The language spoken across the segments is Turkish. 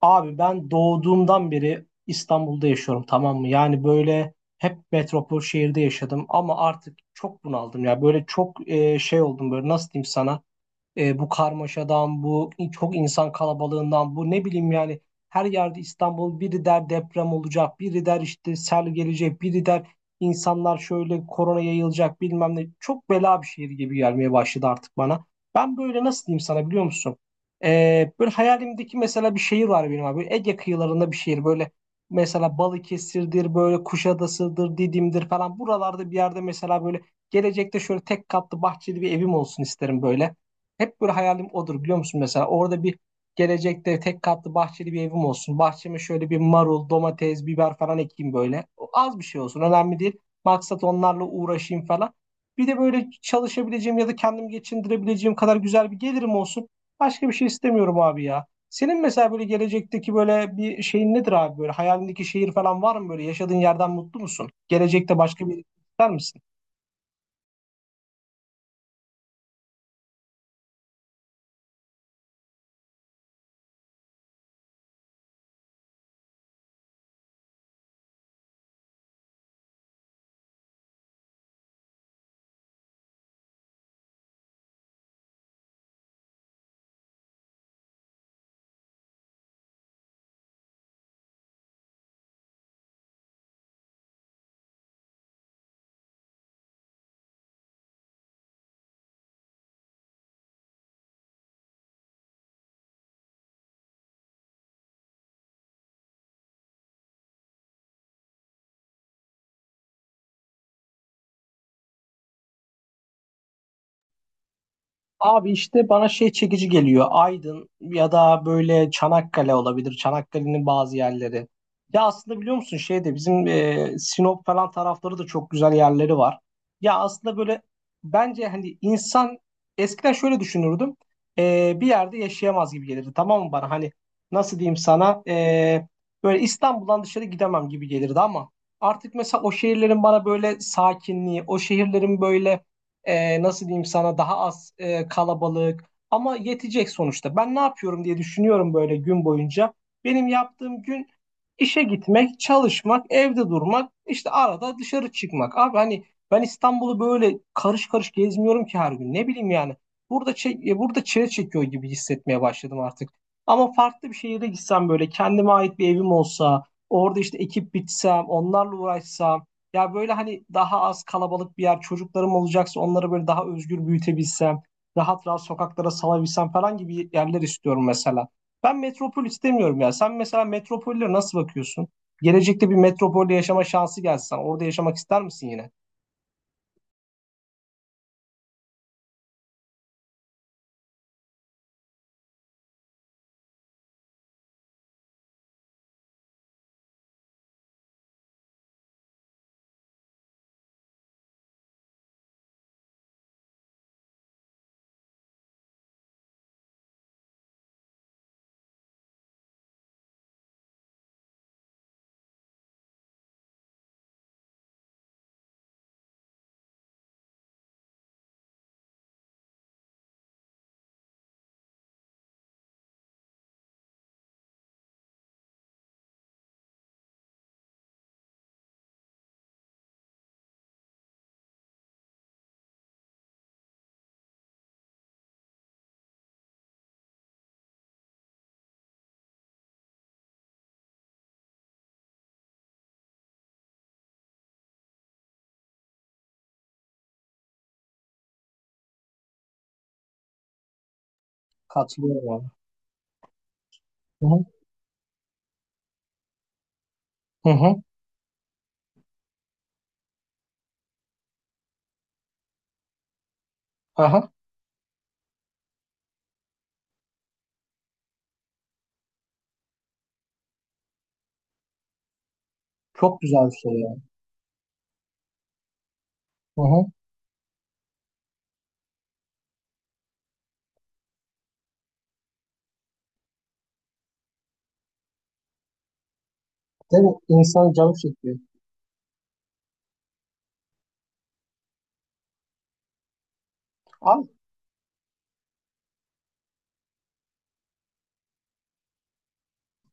Abi ben doğduğumdan beri İstanbul'da yaşıyorum, tamam mı? Yani böyle hep metropol şehirde yaşadım ama artık çok bunaldım ya. Böyle çok şey oldum, böyle nasıl diyeyim sana? Bu karmaşadan, bu çok insan kalabalığından, bu ne bileyim yani her yerde İstanbul, biri der deprem olacak, biri der işte sel gelecek, biri der insanlar şöyle korona yayılacak bilmem ne. Çok bela bir şehir gibi gelmeye başladı artık bana. Ben böyle nasıl diyeyim sana, biliyor musun? Böyle hayalimdeki mesela bir şehir var benim abi. Ege kıyılarında bir şehir, böyle mesela Balıkesir'dir, böyle Kuşadası'dır, Didim'dir falan. Buralarda bir yerde mesela böyle gelecekte şöyle tek katlı bahçeli bir evim olsun isterim böyle. Hep böyle hayalim odur, biliyor musun, mesela orada bir gelecekte tek katlı bahçeli bir evim olsun. Bahçeme şöyle bir marul, domates, biber falan ekeyim böyle. O az bir şey olsun, önemli değil. Maksat onlarla uğraşayım falan. Bir de böyle çalışabileceğim ya da kendimi geçindirebileceğim kadar güzel bir gelirim olsun. Başka bir şey istemiyorum abi ya. Senin mesela böyle gelecekteki böyle bir şeyin nedir abi, böyle hayalindeki şehir falan var mı, böyle yaşadığın yerden mutlu musun? Gelecekte başka bir yer ister misin? Abi işte bana şey çekici geliyor. Aydın ya da böyle Çanakkale olabilir. Çanakkale'nin bazı yerleri. Ya aslında biliyor musun, şeyde bizim Sinop falan tarafları da çok güzel yerleri var. Ya aslında böyle, bence hani insan eskiden şöyle düşünürdüm. Bir yerde yaşayamaz gibi gelirdi. Tamam mı bana? Hani nasıl diyeyim sana? Böyle İstanbul'dan dışarı gidemem gibi gelirdi ama artık mesela o şehirlerin bana böyle sakinliği, o şehirlerin böyle nasıl diyeyim sana daha az kalabalık ama yetecek sonuçta. Ben ne yapıyorum diye düşünüyorum böyle gün boyunca. Benim yaptığım gün, İşe gitmek, çalışmak, evde durmak, işte arada dışarı çıkmak. Abi hani ben İstanbul'u böyle karış karış gezmiyorum ki her gün. Ne bileyim yani. Burada çile çekiyor gibi hissetmeye başladım artık. Ama farklı bir şehire gitsem, böyle kendime ait bir evim olsa, orada işte ekip bitsem, onlarla uğraşsam, ya böyle hani daha az kalabalık bir yer, çocuklarım olacaksa onları böyle daha özgür büyütebilsem, rahat rahat sokaklara salabilsem falan gibi yerler istiyorum mesela. Ben metropol istemiyorum ya. Sen mesela metropollere nasıl bakıyorsun? Gelecekte bir metropolde yaşama şansı gelse sana, orada yaşamak ister misin yine? Katılıyorum abi. Hı hı. Hı hı. Aha. Çok güzel bir şey ya. Hı hı. Değil mi? İnsanın canı çekiyor. Abi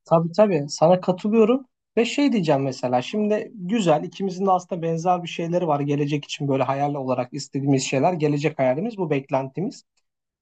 tabii tabii, sana katılıyorum ve şey diyeceğim, mesela şimdi güzel, ikimizin de aslında benzer bir şeyleri var gelecek için, böyle hayal olarak istediğimiz şeyler, gelecek hayalimiz, bu beklentimiz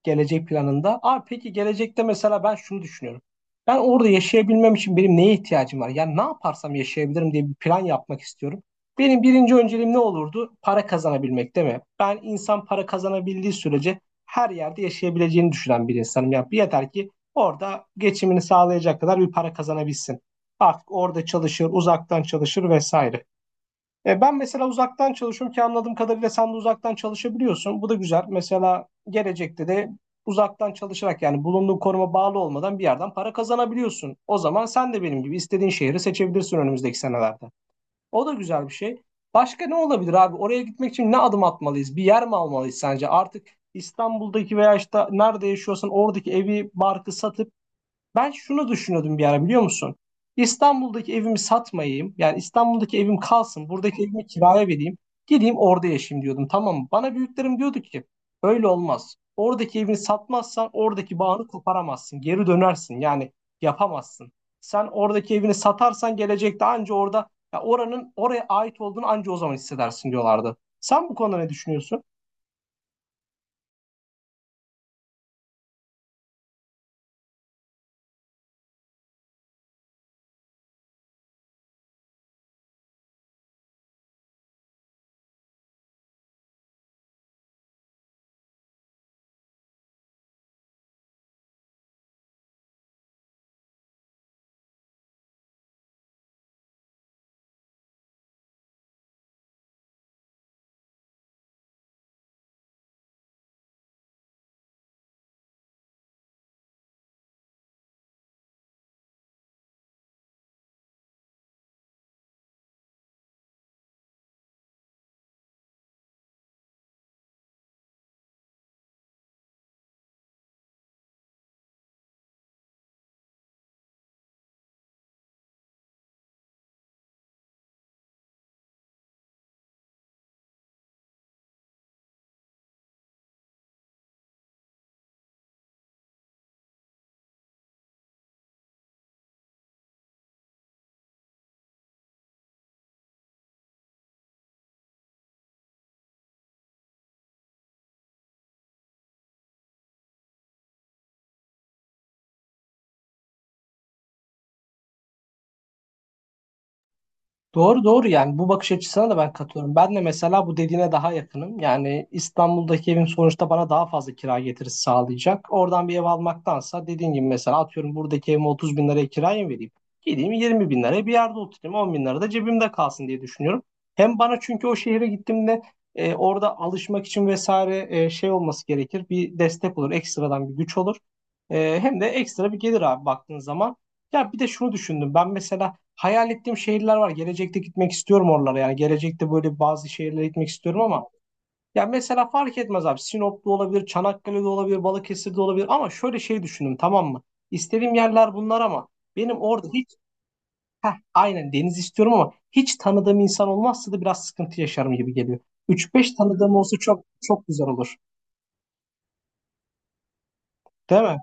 gelecek planında. Abi peki gelecekte mesela ben şunu düşünüyorum. Ben orada yaşayabilmem için benim neye ihtiyacım var? Yani ne yaparsam yaşayabilirim diye bir plan yapmak istiyorum. Benim birinci önceliğim ne olurdu? Para kazanabilmek değil mi? Ben insan para kazanabildiği sürece her yerde yaşayabileceğini düşünen bir insanım. Yani yeter ki orada geçimini sağlayacak kadar bir para kazanabilsin. Artık orada çalışır, uzaktan çalışır vesaire. Ben mesela uzaktan çalışıyorum ki anladığım kadarıyla sen de uzaktan çalışabiliyorsun. Bu da güzel. Mesela gelecekte de uzaktan çalışarak, yani bulunduğun konuma bağlı olmadan bir yerden para kazanabiliyorsun. O zaman sen de benim gibi istediğin şehri seçebilirsin önümüzdeki senelerde. O da güzel bir şey. Başka ne olabilir abi? Oraya gitmek için ne adım atmalıyız? Bir yer mi almalıyız sence? Artık İstanbul'daki veya işte nerede yaşıyorsan oradaki evi, barkı satıp, ben şunu düşünüyordum bir ara, biliyor musun? İstanbul'daki evimi satmayayım. Yani İstanbul'daki evim kalsın. Buradaki evimi kiraya vereyim. Gideyim orada yaşayayım diyordum. Tamam mı? Bana büyüklerim diyordu ki öyle olmaz. Oradaki evini satmazsan oradaki bağını koparamazsın. Geri dönersin. Yani yapamazsın. Sen oradaki evini satarsan gelecekte anca orada, ya oranın, oraya ait olduğunu anca o zaman hissedersin diyorlardı. Sen bu konuda ne düşünüyorsun? Doğru doğru, yani bu bakış açısına da ben katılıyorum. Ben de mesela bu dediğine daha yakınım. Yani İstanbul'daki evim sonuçta bana daha fazla kira getirisi sağlayacak. Oradan bir ev almaktansa, dediğin gibi mesela atıyorum buradaki evime 30 bin liraya kiraya mı vereyim? Gideyim 20 bin liraya bir yerde oturayım, 10 bin lira da cebimde kalsın diye düşünüyorum. Hem bana, çünkü o şehre gittiğimde orada alışmak için vesaire şey olması gerekir. Bir destek olur, ekstradan bir güç olur. Hem de ekstra bir gelir abi, baktığın zaman. Ya bir de şunu düşündüm ben mesela hayal ettiğim şehirler var. Gelecekte gitmek istiyorum oralara. Yani gelecekte böyle bazı şehirlere gitmek istiyorum ama ya mesela fark etmez abi. Sinop'ta olabilir, Çanakkale'de olabilir, Balıkesir'de olabilir ama şöyle şey düşündüm, tamam mı? İstediğim yerler bunlar ama benim orada hiç, heh, aynen deniz istiyorum ama hiç tanıdığım insan olmazsa da biraz sıkıntı yaşarım gibi geliyor. Üç beş tanıdığım olsa çok çok güzel olur. Değil mi?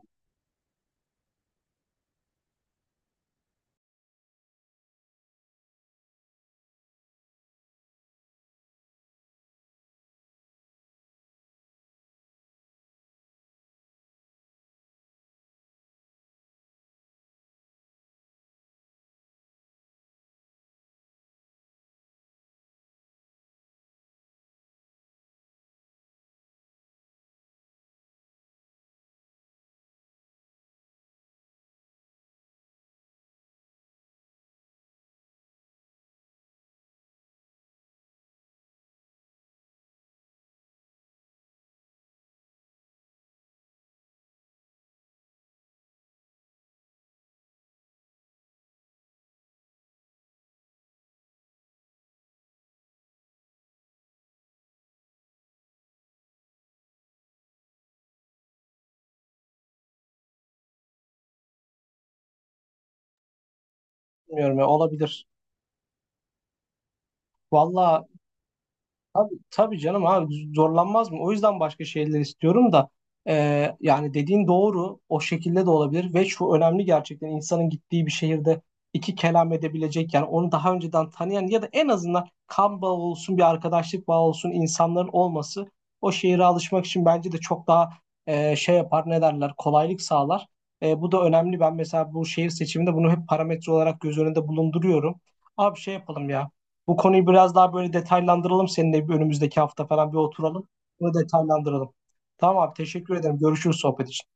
Bilmiyorum ya, olabilir. Valla tabii, tabii canım abi zorlanmaz mı? O yüzden başka şeyler istiyorum da yani dediğin doğru, o şekilde de olabilir ve şu önemli, gerçekten insanın gittiği bir şehirde iki kelam edebilecek, yani onu daha önceden tanıyan ya da en azından kan bağı olsun bir arkadaşlık bağı olsun insanların olması o şehire alışmak için bence de çok daha şey yapar ne derler, kolaylık sağlar. Bu da önemli, ben mesela bu şehir seçiminde bunu hep parametre olarak göz önünde bulunduruyorum. Abi şey yapalım ya. Bu konuyu biraz daha böyle detaylandıralım, seninle bir önümüzdeki hafta falan bir oturalım. Bunu detaylandıralım. Tamam abi, teşekkür ederim. Görüşürüz sohbet için.